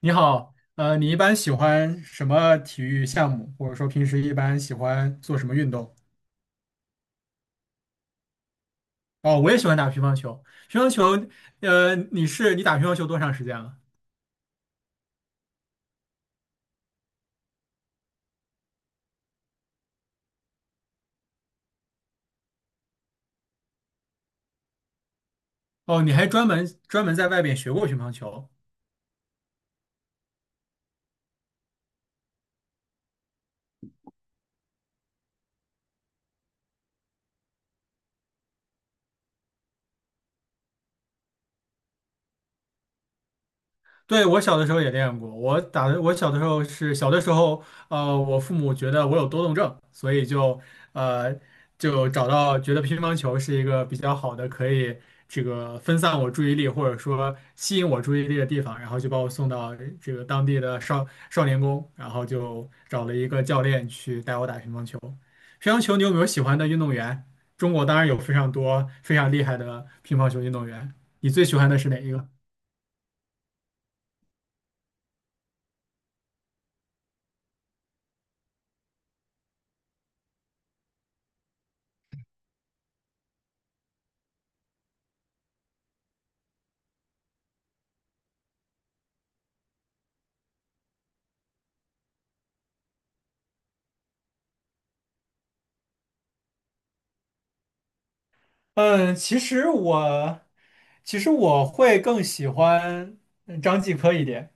你好，你一般喜欢什么体育项目，或者说平时一般喜欢做什么运动？哦，我也喜欢打乒乓球。乒乓球，你打乒乓球多长时间了？哦，你还专门在外边学过乒乓球。对，我小的时候也练过，我打的，我小的时候是小的时候，我父母觉得我有多动症，所以呃就找到觉得乒乓球是一个比较好的可以这个分散我注意力或者说吸引我注意力的地方，然后就把我送到这个当地的少年宫，然后就找了一个教练去带我打乒乓球。乒乓球你有没有喜欢的运动员？中国当然有非常多非常厉害的乒乓球运动员，你最喜欢的是哪一个？嗯，其实我会更喜欢张继科一点。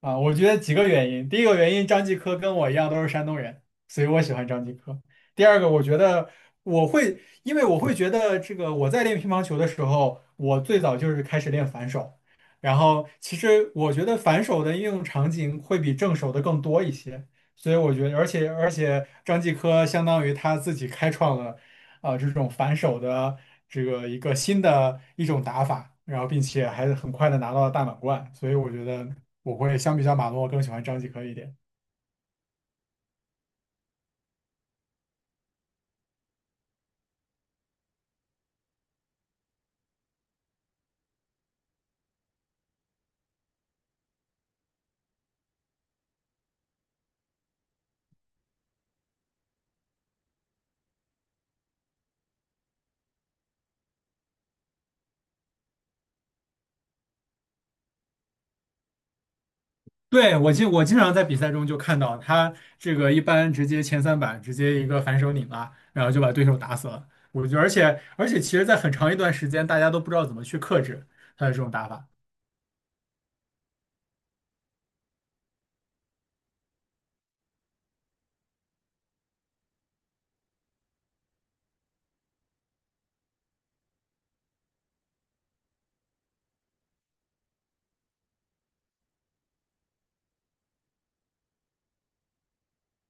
啊，我觉得几个原因。第一个原因，张继科跟我一样都是山东人，所以我喜欢张继科。第二个，我觉得因为我会觉得这个我在练乒乓球的时候，我最早就是开始练反手，然后其实我觉得反手的应用场景会比正手的更多一些，所以我觉得，而且张继科相当于他自己开创了这种反手的这个一个新的一种打法，然后并且还很快的拿到了大满贯，所以我觉得。我会相比较马龙，我更喜欢张继科一点。对，我经常在比赛中就看到他这个一般直接前三板直接一个反手拧拉，然后就把对手打死了。我觉得，而且其实，在很长一段时间，大家都不知道怎么去克制他的这种打法。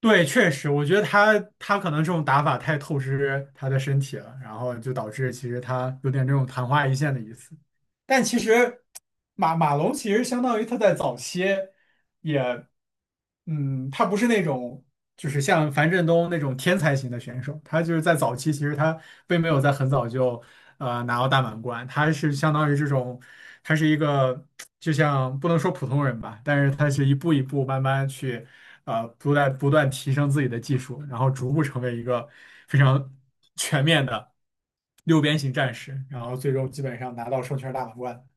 对，确实，我觉得他可能这种打法太透支他的身体了，然后就导致其实他有点这种昙花一现的意思。但其实马龙其实相当于他在早期也，嗯，他不是那种就是像樊振东那种天才型的选手，他就是在早期其实他并没有在很早就拿到大满贯，他是相当于这种，他是一个就像不能说普通人吧，但是他是一步一步慢慢去不断提升自己的技术，然后逐步成为一个非常全面的。六边形战士，然后最终基本上拿到双圈大满贯。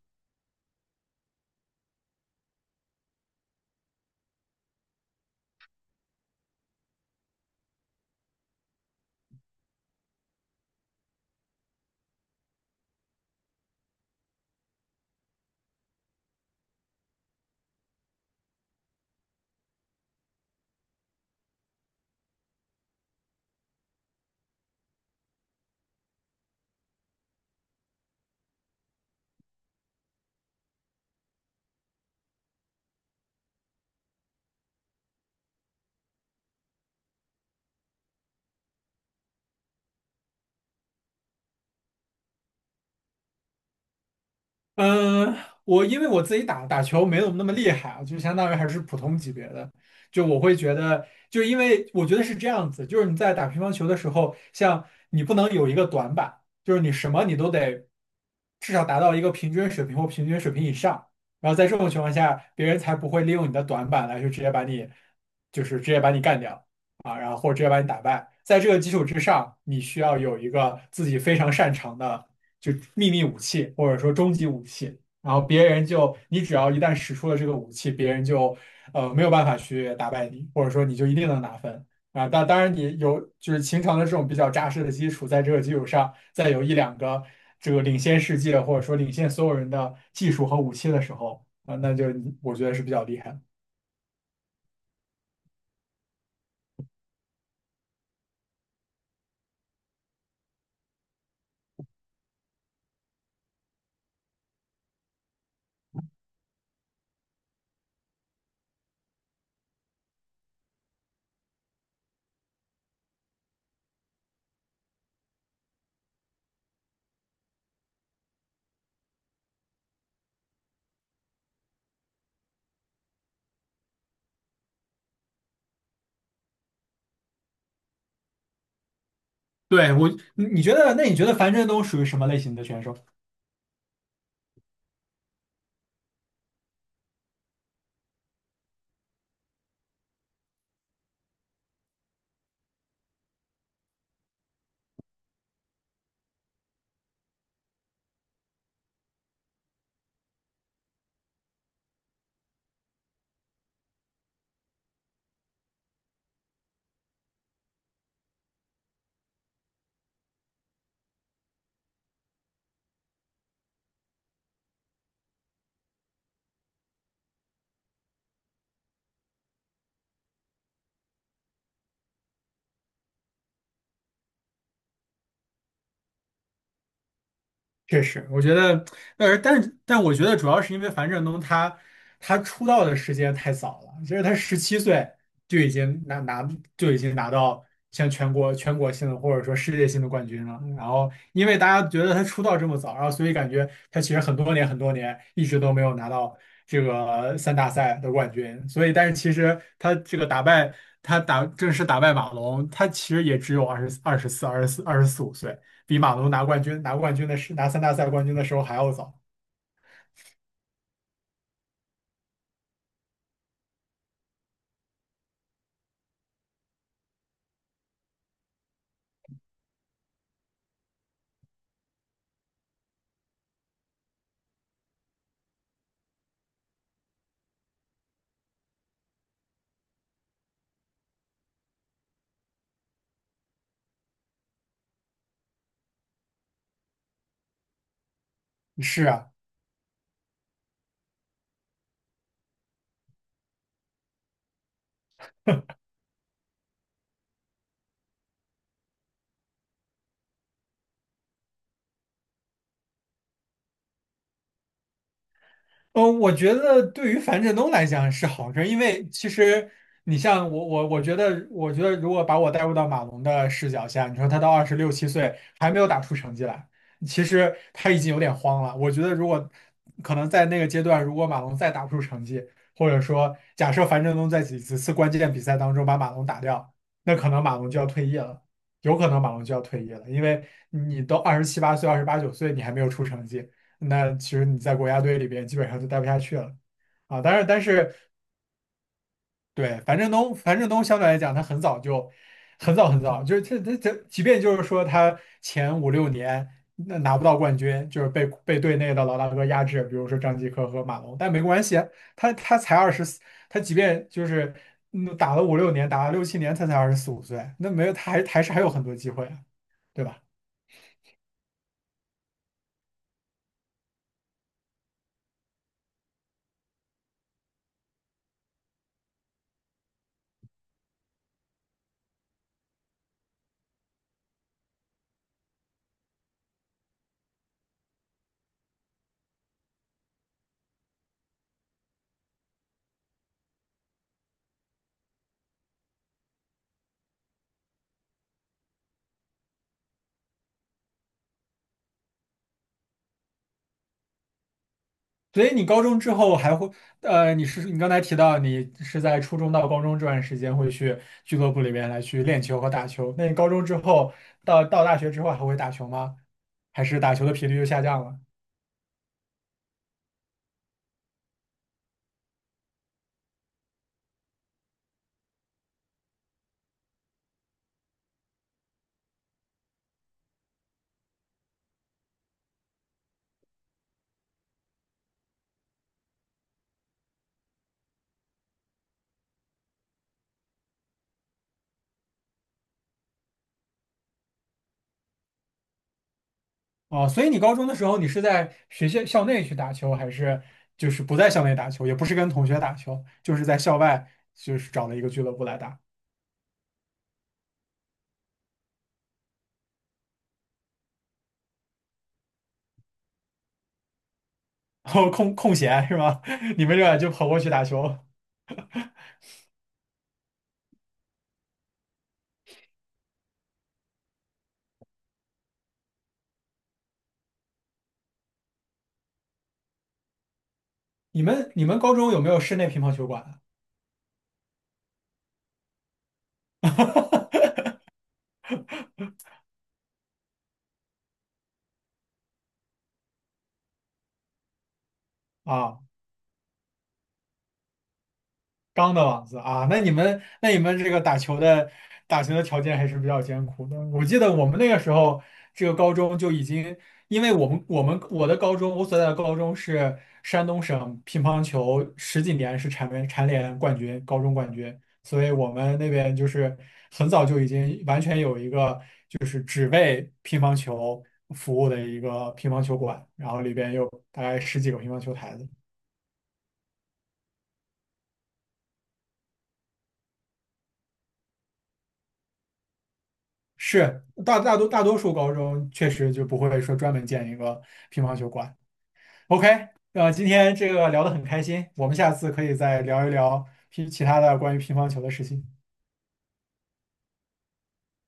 嗯，我因为我自己打球没有那么厉害啊，就相当于还是普通级别的。就因为我觉得是这样子，就是你在打乒乓球的时候，像你不能有一个短板，就是你什么你都得至少达到一个平均水平或平均水平以上。然后在这种情况下，别人才不会利用你的短板来去直接把你，就是直接把你干掉啊，然后或者直接把你打败。在这个基础之上，你需要有一个自己非常擅长的。就秘密武器或者说终极武器，然后别人就你只要一旦使出了这个武器，别人就没有办法去打败你，或者说你就一定能拿分啊。当然你有就是秦城的这种比较扎实的基础，在这个基础上再有一两个这个领先世界或者说领先所有人的技术和武器的时候啊，那就我觉得是比较厉害的。对，你你觉得，那你觉得樊振东属于什么类型的选手？确实，我觉得，但我觉得主要是因为樊振东他出道的时间太早了，其实他17岁就已经拿拿就已经拿到像全国性的或者说世界性的冠军了。然后因为大家觉得他出道这么早，然后所以感觉他其实很多年一直都没有拿到这个三大赛的冠军。所以但是其实他打正式打败马龙，他其实也只有二十四五岁。比马龙拿三大赛冠军的时候还要早。是啊，我觉得对于樊振东来讲是好事儿，因为其实你像我，我我觉得，我觉得如果把我带入到马龙的视角下，你说他到26、7岁还没有打出成绩来，其实他已经有点慌了。我觉得如果可能在那个阶段，如果马龙再打不出成绩，或者说假设樊振东在几次关键比赛当中把马龙打掉，那可能马龙就要退役了，有可能马龙就要退役了，因为你都27、8岁、28、9岁，你还没有出成绩。那其实你在国家队里边基本上就待不下去了啊。但是对樊振东，樊振东相对来讲，他很早就很早很早，就是他他他，即便就是说他前五六年那拿不到冠军，就是被队内的老大哥压制，比如说张继科和马龙，但没关系啊，他才二十四，他即便就是打了五六年，打了6、7年，他才二十四五岁，那没有他还有很多机会啊，对吧？所以你高中之后还会，你刚才提到你是在初中到高中这段时间会去俱乐部里面来去练球和打球。那你高中之后到大学之后还会打球吗？还是打球的频率又下降了？哦，所以你高中的时候你是在学校校内去打球，还是就是不在校内打球，也不是跟同学打球，就是在校外就是找了一个俱乐部来打，然后空闲是吗？你们这就跑过去打球。你们高中有没有室内乒乓球馆啊？啊钢的网子啊，那你们这个打球的条件还是比较艰苦的。我记得我们那个时候，这个高中就已经，因为我的高中，我所在的高中是山东省乒乓球十几年是蝉联冠军，高中冠军，所以我们那边就是很早就已经完全有一个只为乒乓球服务的一个乒乓球馆，然后里边有大概十几个乒乓球台子。是大多数高中确实就不会说专门建一个乒乓球馆。OK，今天这个聊得很开心，我们下次可以再聊一聊其他的关于乒乓球的事情。